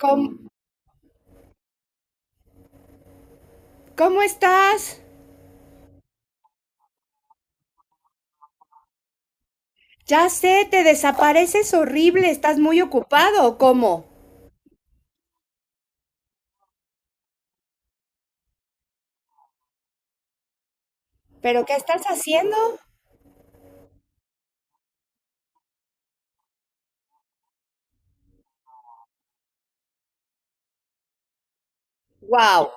¿Cómo, ¿Cómo estás? Ya sé, te desapareces horrible, estás muy ocupado, ¿o cómo? ¿Pero qué estás haciendo? Wow.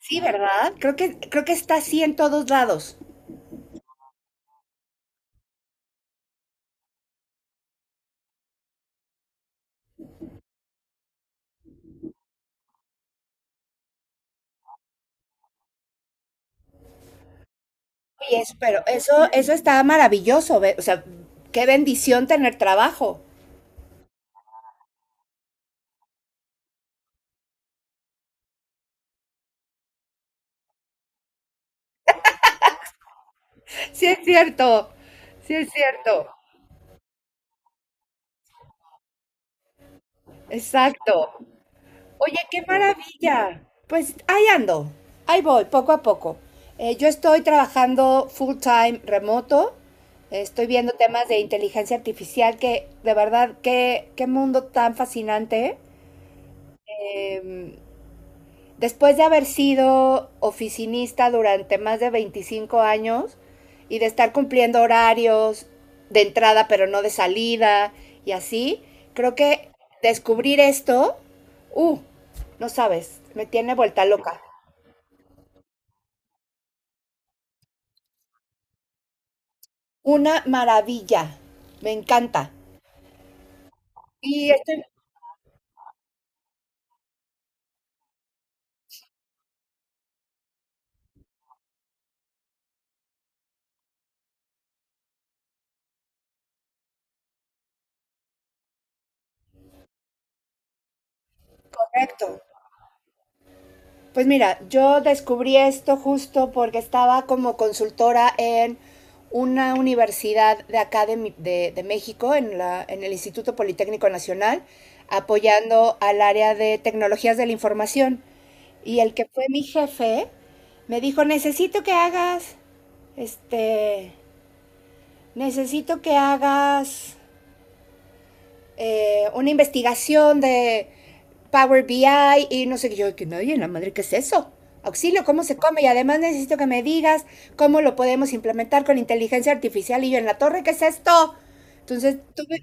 Sí, ¿verdad? Creo que está así en todos lados. Oye, pero eso está maravilloso, o sea, qué bendición tener trabajo. Sí es cierto, sí es cierto. Exacto. Oye, qué maravilla. Pues ahí ando, ahí voy, poco a poco. Yo estoy trabajando full time remoto, estoy viendo temas de inteligencia artificial que de verdad, qué mundo tan fascinante. Em, Después de haber sido oficinista durante más de 25 años y de estar cumpliendo horarios de entrada pero no de salida y así, creo que descubrir esto, uh, no sabes, me tiene vuelta loca. Una maravilla, me encanta. Y esto es. Correcto. Pues mira, yo descubrí esto justo porque estaba como consultora en una universidad de acá de México, en el Instituto Politécnico Nacional, apoyando al área de tecnologías de la información. Y el que fue mi jefe me dijo, este, necesito que hagas una investigación de Power BI y no sé qué. Yo, que me oye, la madre, ¿qué es eso? Auxilio, ¿cómo se come? Y además necesito que me digas cómo lo podemos implementar con inteligencia artificial. Y yo, en la torre, ¿qué es esto? Entonces, tuve.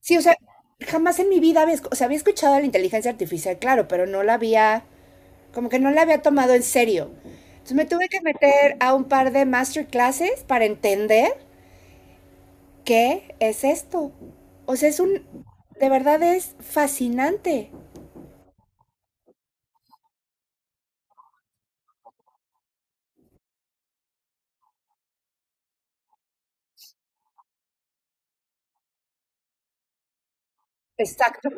Sí, o sea, jamás en mi vida había, o sea, había escuchado de la inteligencia artificial, claro, pero no la había, como que no la había tomado en serio. Entonces me tuve que meter a un par de masterclasses para entender, ¿qué es esto? O sea, de verdad es fascinante. Exacto.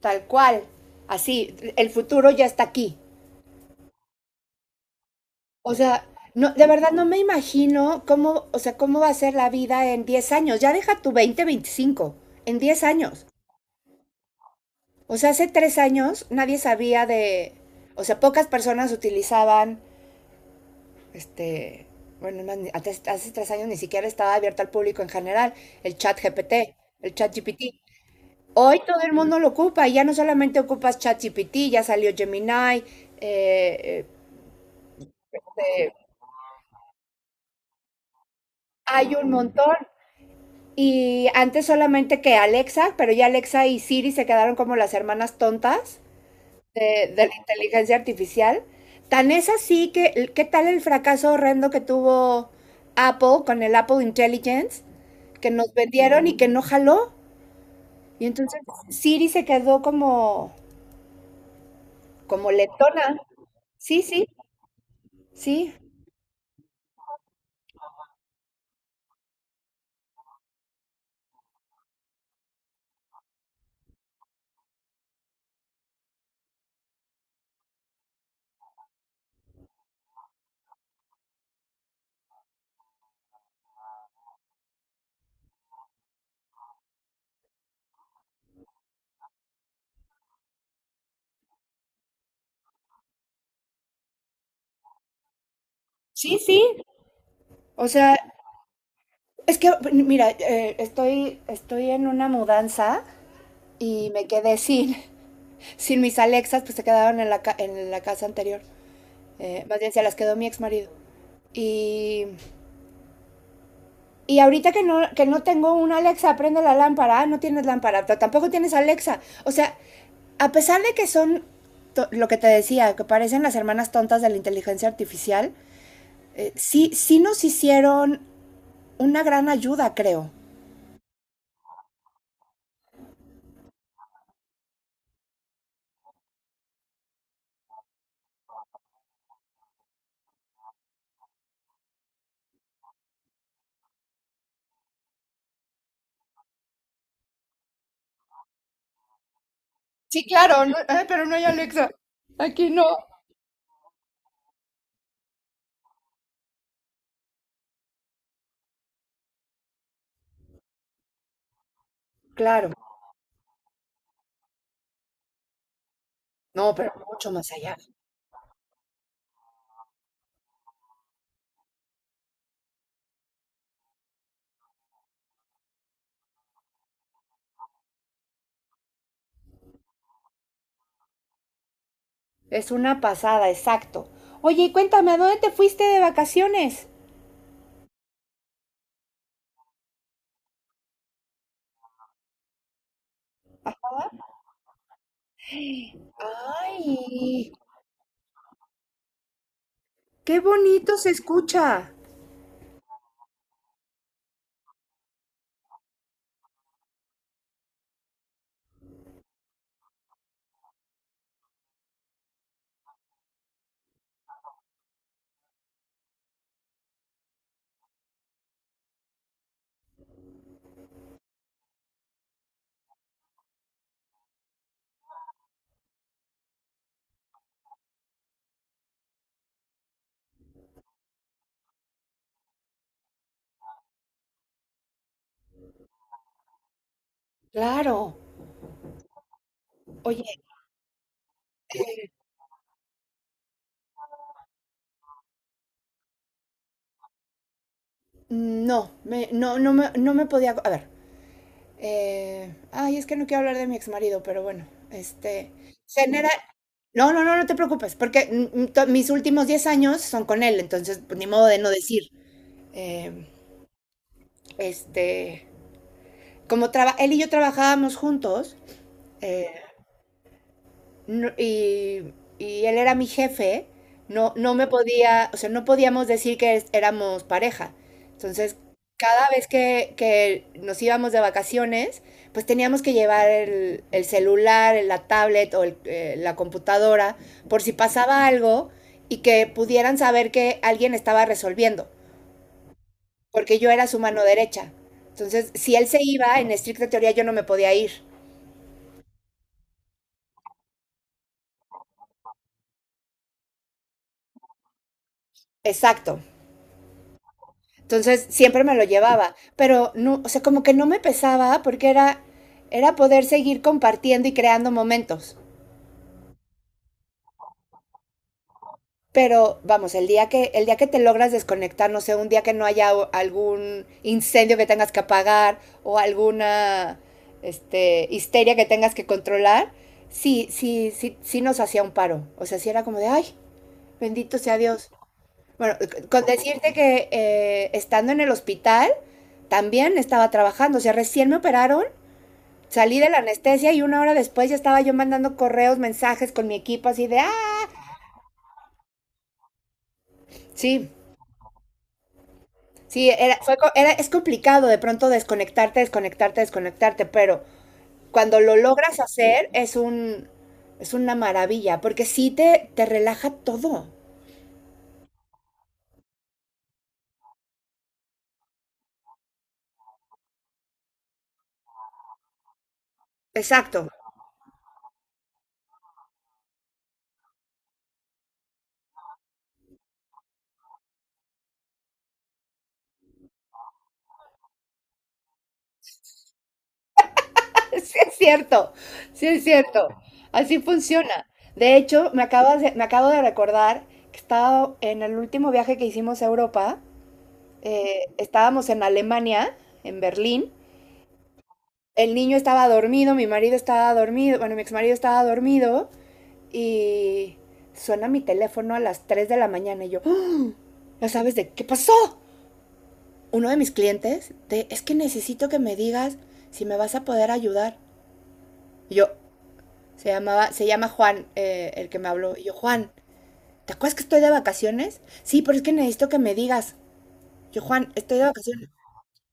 Tal cual. Así, el futuro ya está aquí. O sea, no, de verdad no me imagino cómo, o sea, cómo va a ser la vida en 10 años. Ya deja tu 20, 25. En 10 años. O sea, hace 3 años nadie sabía de, o sea, pocas personas utilizaban, este, bueno, más, hace 3 años ni siquiera estaba abierto al público en general, el chat GPT, el chat GPT. Hoy todo el mundo lo ocupa, ya no solamente ocupas ChatGPT, ya salió Gemini, eh, eh, hay un montón. Y antes solamente que Alexa, pero ya Alexa y Siri se quedaron como las hermanas tontas de la inteligencia artificial. Tan es así que, ¿qué tal el fracaso horrendo que tuvo Apple con el Apple Intelligence? Que nos vendieron y que no jaló. Y entonces Siri se quedó como, letona. Sí, sí, sí. Sí, sí, o sea, es que, mira, estoy en una mudanza y me quedé sin, sin mis Alexas, pues se quedaron en la casa anterior. Más bien se las quedó mi ex marido. Y, y ahorita que no tengo una Alexa, prende la lámpara, ah, no tienes lámpara, pero tampoco tienes Alexa. O sea, a pesar de que son lo que te decía, que parecen las hermanas tontas de la inteligencia artificial, sí, sí nos hicieron una gran ayuda, creo. Sí, claro, no, ay, pero no hay Alexa. Aquí no. Claro, no, pero mucho más allá. Es una pasada, exacto. Oye, y cuéntame, ¿a dónde te fuiste de vacaciones? Ay, qué bonito se escucha. Claro. Oye, eh, no me podía. A ver. Ay es que no quiero hablar de mi exmarido, pero bueno, este. Genera. No, no, no, no te preocupes, porque mis últimos 10 años son con él, entonces pues, ni modo de no decir. eh, este, él y yo trabajábamos juntos. Eh, no- y, y él era mi jefe, no, no me podía, o sea, no podíamos decir que éramos pareja. Entonces, cada vez que nos íbamos de vacaciones, pues teníamos que llevar el celular, la tablet o la computadora por si pasaba algo y que pudieran saber que alguien estaba resolviendo, porque yo era su mano derecha. Entonces, si él se iba, en estricta teoría yo no me podía ir. Exacto. Entonces, siempre me lo llevaba, pero no, o sea, como que no me pesaba porque era poder seguir compartiendo y creando momentos. Pero vamos, el día que te logras desconectar, no sé, un día que no haya algún incendio que tengas que apagar o alguna histeria que tengas que controlar, sí, sí, sí, sí nos hacía un paro. O sea, sí era como de, ay, bendito sea Dios. Bueno, con decirte que estando en el hospital, también estaba trabajando, o sea, recién me operaron, salí de la anestesia y una hora después ya estaba yo mandando correos, mensajes con mi equipo así de, ah, sí, sí, era, fue, co- era, es complicado de pronto desconectarte, desconectarte, desconectarte, pero cuando lo logras hacer es una maravilla, porque sí te relaja todo. Exacto. Sí es cierto, sí es cierto. Así funciona. De hecho, me acabo de recordar que estaba en el último viaje que hicimos a Europa, estábamos en Alemania, en Berlín. El niño estaba dormido, mi marido estaba dormido, bueno, mi exmarido estaba dormido y suena mi teléfono a las 3 de la mañana y yo, ah, ¿ya sabes de qué pasó? Uno de mis clientes, es que necesito que me digas si me vas a poder ayudar. Y yo, se llamaba, se llama Juan, el que me habló. Y yo, Juan, ¿te acuerdas que estoy de vacaciones? Sí, pero es que necesito que me digas. Yo, Juan, estoy de vacaciones.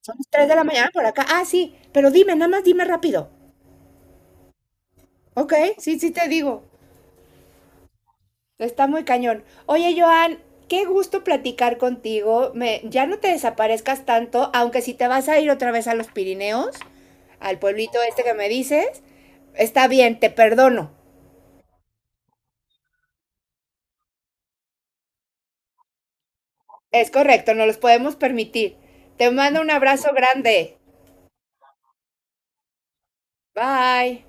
Son las 3 de la mañana por acá. Ah, sí, pero dime, nada más dime rápido. Ok, sí, sí te digo. Está muy cañón. Oye, Joan, qué gusto platicar contigo. Ya no te desaparezcas tanto, aunque si te vas a ir otra vez a los Pirineos, al pueblito este que me dices, está bien, te perdono. Es correcto, no los podemos permitir. Te mando un abrazo grande. Bye.